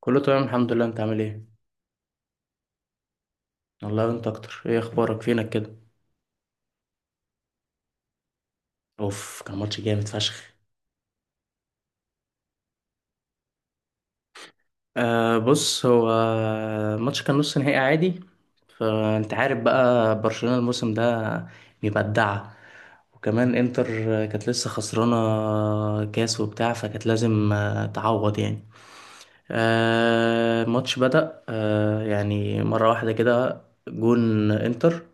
كله تمام الحمد لله، انت عامل ايه؟ والله انت اكتر. ايه اخبارك، فينك كده؟ اوف، كان ماتش جامد فشخ. بص هو الماتش كان نص نهائي عادي. فانت عارف بقى برشلونة الموسم ده مبدعة، وكمان انتر كانت لسه خسرانة كاس وبتاع، فكانت لازم تعوض يعني. الماتش بدأ يعني مرة واحدة كده جون انتر.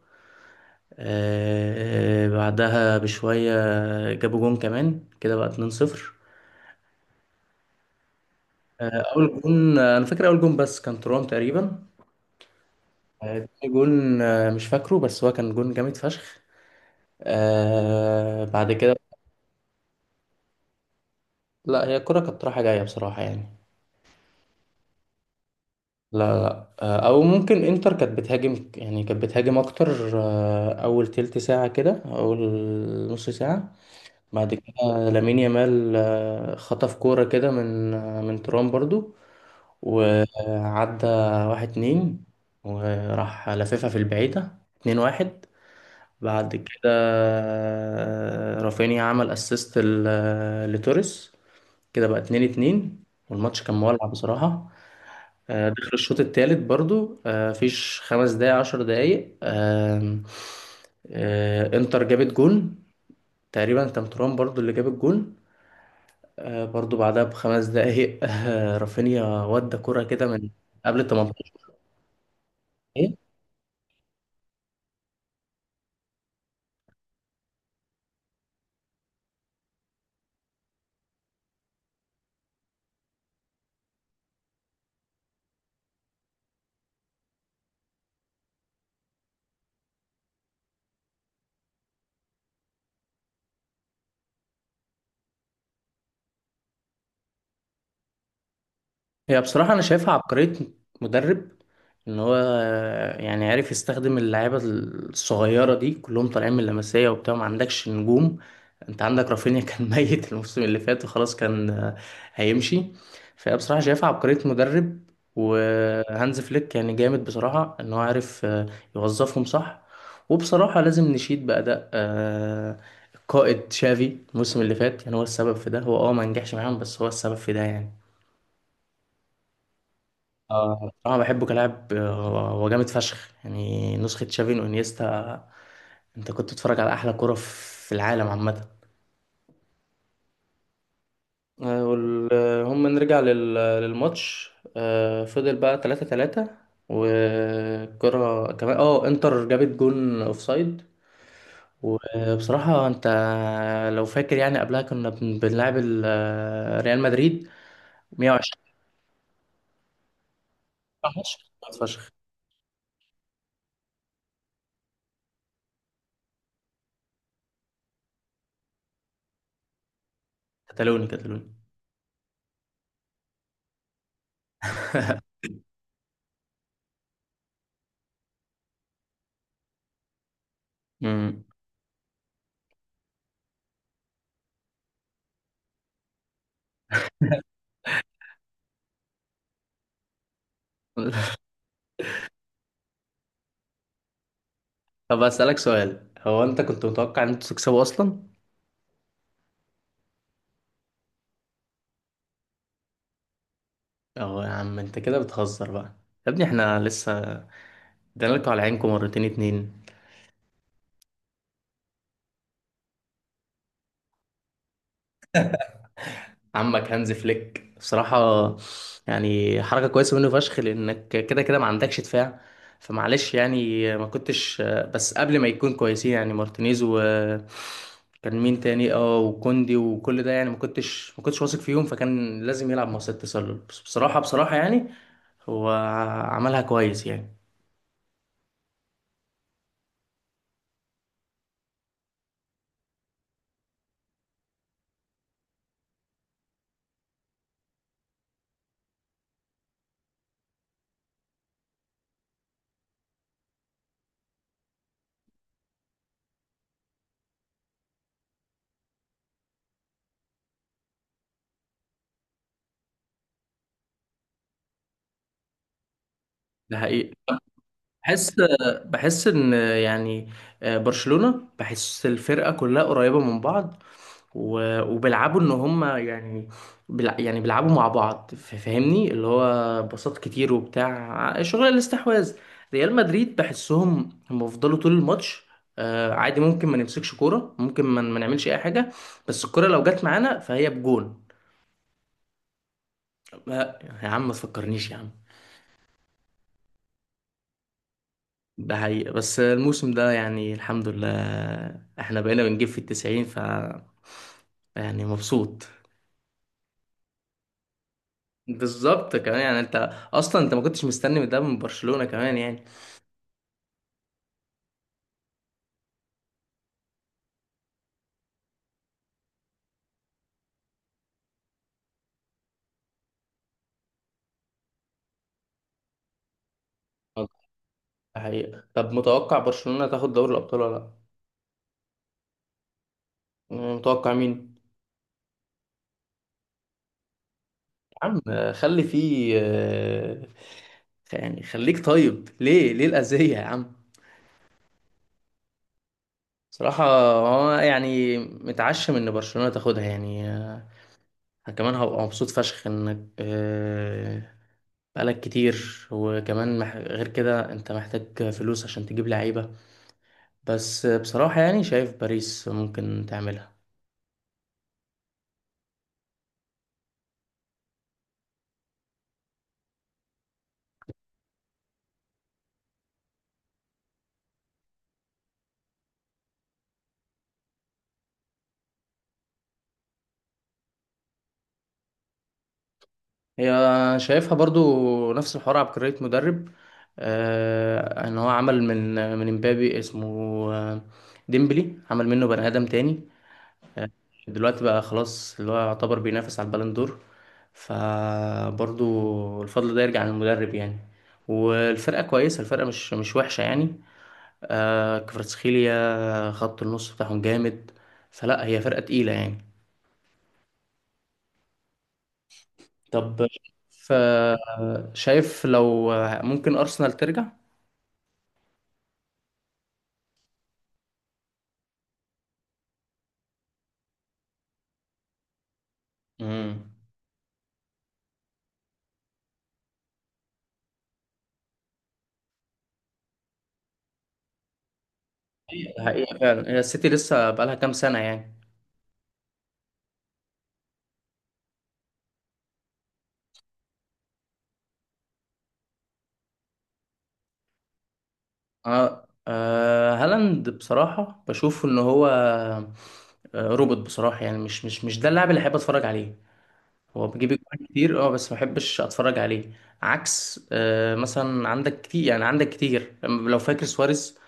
بعدها بشوية جابوا جون كمان كده بقى 2-0. أول جون أنا فاكر أول جون بس كان ترام تقريبا. تاني جون مش فاكره، بس هو كان جون جامد فشخ. بعد كده، لا هي الكرة كانت رايحة جاية بصراحة يعني. لا لا، أو ممكن إنتر كانت بتهاجم، يعني كانت بتهاجم أكتر أول تلت ساعة، كده أول نص ساعة. بعد كده لامين يامال خطف كورة كده من ترام برضو، وعدى واحد اتنين، وراح لففها في البعيدة اتنين واحد. بعد كده رافينيا عمل اسيست لتوريس، كده بقى اتنين اتنين، والماتش كان مولع بصراحة. دخل الشوط التالت برضو، فيش خمس دقايق عشر دقايق، آم، آه، انتر جابت جون، تقريبا كان ترام برضو اللي جاب الجون. برضو بعدها بخمس دقايق رافينيا ودى كرة كده من قبل 18. هي بصراحة أنا شايفها عبقرية مدرب، إن هو يعني عارف يستخدم اللعيبة الصغيرة دي، كلهم طالعين من اللمسية وبتاع، ما عندكش نجوم. أنت عندك رافينيا كان ميت الموسم اللي فات وخلاص كان هيمشي. فهي بصراحة شايفها عبقرية مدرب. وهانز فليك يعني جامد بصراحة، إن هو عارف يوظفهم صح. وبصراحة لازم نشيد بأداء القائد شافي الموسم اللي فات. يعني هو السبب في ده، هو اه ما نجحش معاهم، بس هو السبب في ده يعني. اه بصراحة بحبه كلاعب، هو جامد فشخ، يعني نسخة تشافي وانيستا. انت كنت بتتفرج على احلى كرة في العالم عامة. هم نرجع للماتش. فضل بقى 3 3، والكرة كمان اه انتر جابت جون اوفسايد. وبصراحة انت لو فاكر يعني قبلها كنا بنلعب ريال مدريد 120. ماتش جامد فشخ. كتالوني كتالوني. مم. طب أسألك سؤال، هو أنت كنت متوقع إن أنتوا تكسبوا أصلا؟ أهو يا عم أنت كده بتهزر بقى. يا ابني إحنا لسه ادينا لكم على عينكم مرتين اتنين. عمك هانز فليك بصراحة، يعني حركة كويسة منه فشخ، لأنك كده كده ما عندكش دفاع. فمعلش يعني ما كنتش، بس قبل ما يكون كويسين يعني مارتينيز و كان مين تاني اه وكوندي وكل ده يعني ما كنتش واثق فيهم، فكان لازم يلعب مع ست تسلل. بس بصراحة بصراحة يعني هو عملها كويس يعني. ده حقيقي. بحس بحس ان يعني برشلونة بحس الفرقة كلها قريبة من بعض، وبيلعبوا ان هم يعني يعني بيلعبوا مع بعض. فاهمني، اللي هو باصات كتير وبتاع شغل الاستحواذ. ريال مدريد بحسهم هم فضلوا طول الماتش عادي، ممكن ما نمسكش كورة، ممكن ما نعملش اي حاجة، بس الكورة لو جت معانا فهي بجون. يا عم ما تفكرنيش يا عم. ده حقيقة، بس الموسم ده يعني الحمد لله احنا بقينا بنجيب في التسعين، ف يعني مبسوط. بالظبط، كمان يعني انت اصلا انت ما كنتش مستني من ده من برشلونة كمان يعني. ده حقيقة. طب متوقع برشلونة تاخد دوري الابطال ولا لا؟ متوقع مين؟ يا عم خلي فيه يعني خليك طيب، ليه ليه الأذية يا عم؟ صراحة هو يعني متعشم ان برشلونة تاخدها يعني، كمان هبقى مبسوط فشخ انك بقالك كتير. وكمان مح... غير كده انت محتاج فلوس عشان تجيب لعيبة. بس بصراحة يعني شايف باريس ممكن تعملها. هي شايفها برضو نفس الحوار، عبقرية مدرب. آه ان هو عمل من امبابي اسمه آه، ديمبلي، عمل منه بني ادم تاني. دلوقتي بقى خلاص اللي هو يعتبر بينافس على البالون دور. فبرضو الفضل ده يرجع للمدرب يعني. والفرقة كويسة، الفرقة مش وحشة يعني. آه كفرتسخيليا خط النص بتاعهم جامد، فلا هي فرقة تقيلة يعني. طب ف- شايف لو ممكن أرسنال ترجع؟ امم. حقيقة فعلا هي السيتي لسه بقالها كام سنة يعني. اه هالاند بصراحة بشوف ان هو روبوت بصراحة، يعني مش ده اللاعب اللي أحب أتفرج عليه. هو بيجيب أجوان كتير، أه بس ما بحبش أتفرج عليه. عكس مثلا عندك كتير، يعني عندك كتير لو فاكر سواريز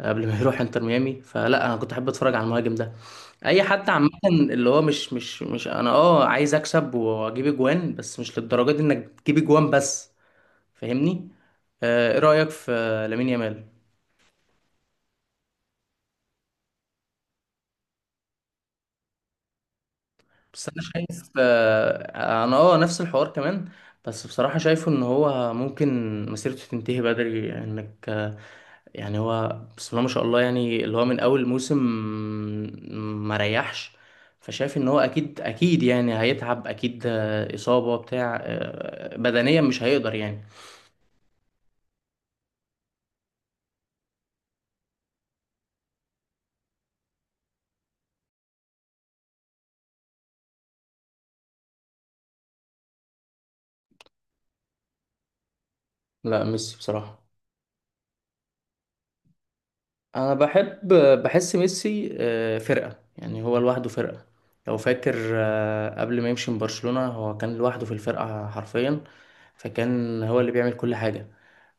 قبل ما يروح انتر ميامي، فلا انا كنت احب اتفرج على المهاجم ده. اي حد عامه اللي هو مش انا اه عايز اكسب واجيب اجوان بس مش للدرجه دي انك تجيب اجوان بس، فاهمني. ايه رايك في لامين يامال؟ بس انا شايف انا اه نفس الحوار كمان. بس بصراحة شايفه ان هو ممكن مسيرته تنتهي بدري، يعني انك يعني هو بسم الله ما شاء الله يعني اللي هو من اول موسم ما ريحش. فشايف ان هو اكيد اكيد يعني هيتعب اكيد اصابة بتاع بدنيا مش هيقدر يعني. لا ميسي بصراحة. انا بحب، بحس ميسي فرقة، يعني هو لوحده فرقة. لو فاكر قبل ما يمشي من برشلونة هو كان لوحده في الفرقة حرفيا، فكان هو اللي بيعمل كل حاجة.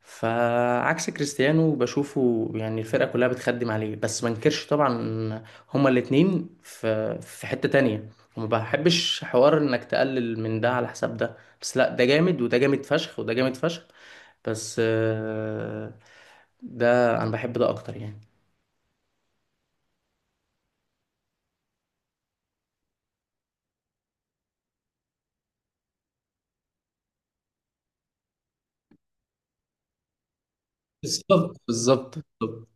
فعكس كريستيانو بشوفه يعني الفرقة كلها بتخدم عليه، بس ما انكرش طبعا هما الاتنين في حتة تانية. وما بحبش حوار انك تقلل من ده على حساب ده، بس لا ده جامد، وده جامد فشخ، وده جامد فشخ. بس ده انا بحب ده اكتر يعني. بالظبط بالظبط بالظبط.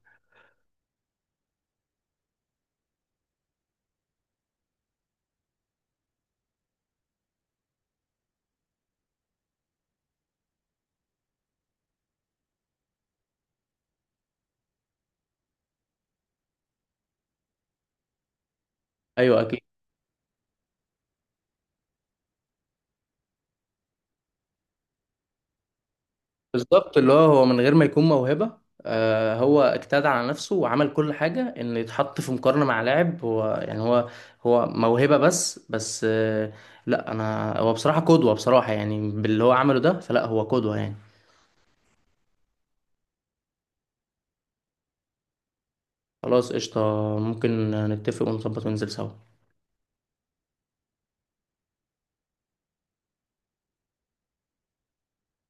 ايوه اكيد. بالظبط اللي هو هو من غير ما يكون موهبه، آه هو اجتهد على نفسه وعمل كل حاجه ان يتحط في مقارنه مع لاعب هو يعني هو موهبه. بس بس آه لا انا هو بصراحه قدوه، بصراحه يعني باللي هو عمله ده، فلا هو قدوه يعني. خلاص قشطه. ممكن نتفق ونظبط وننزل سوا.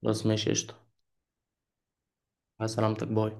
خلاص ماشي قشطه. على سلامتك باي.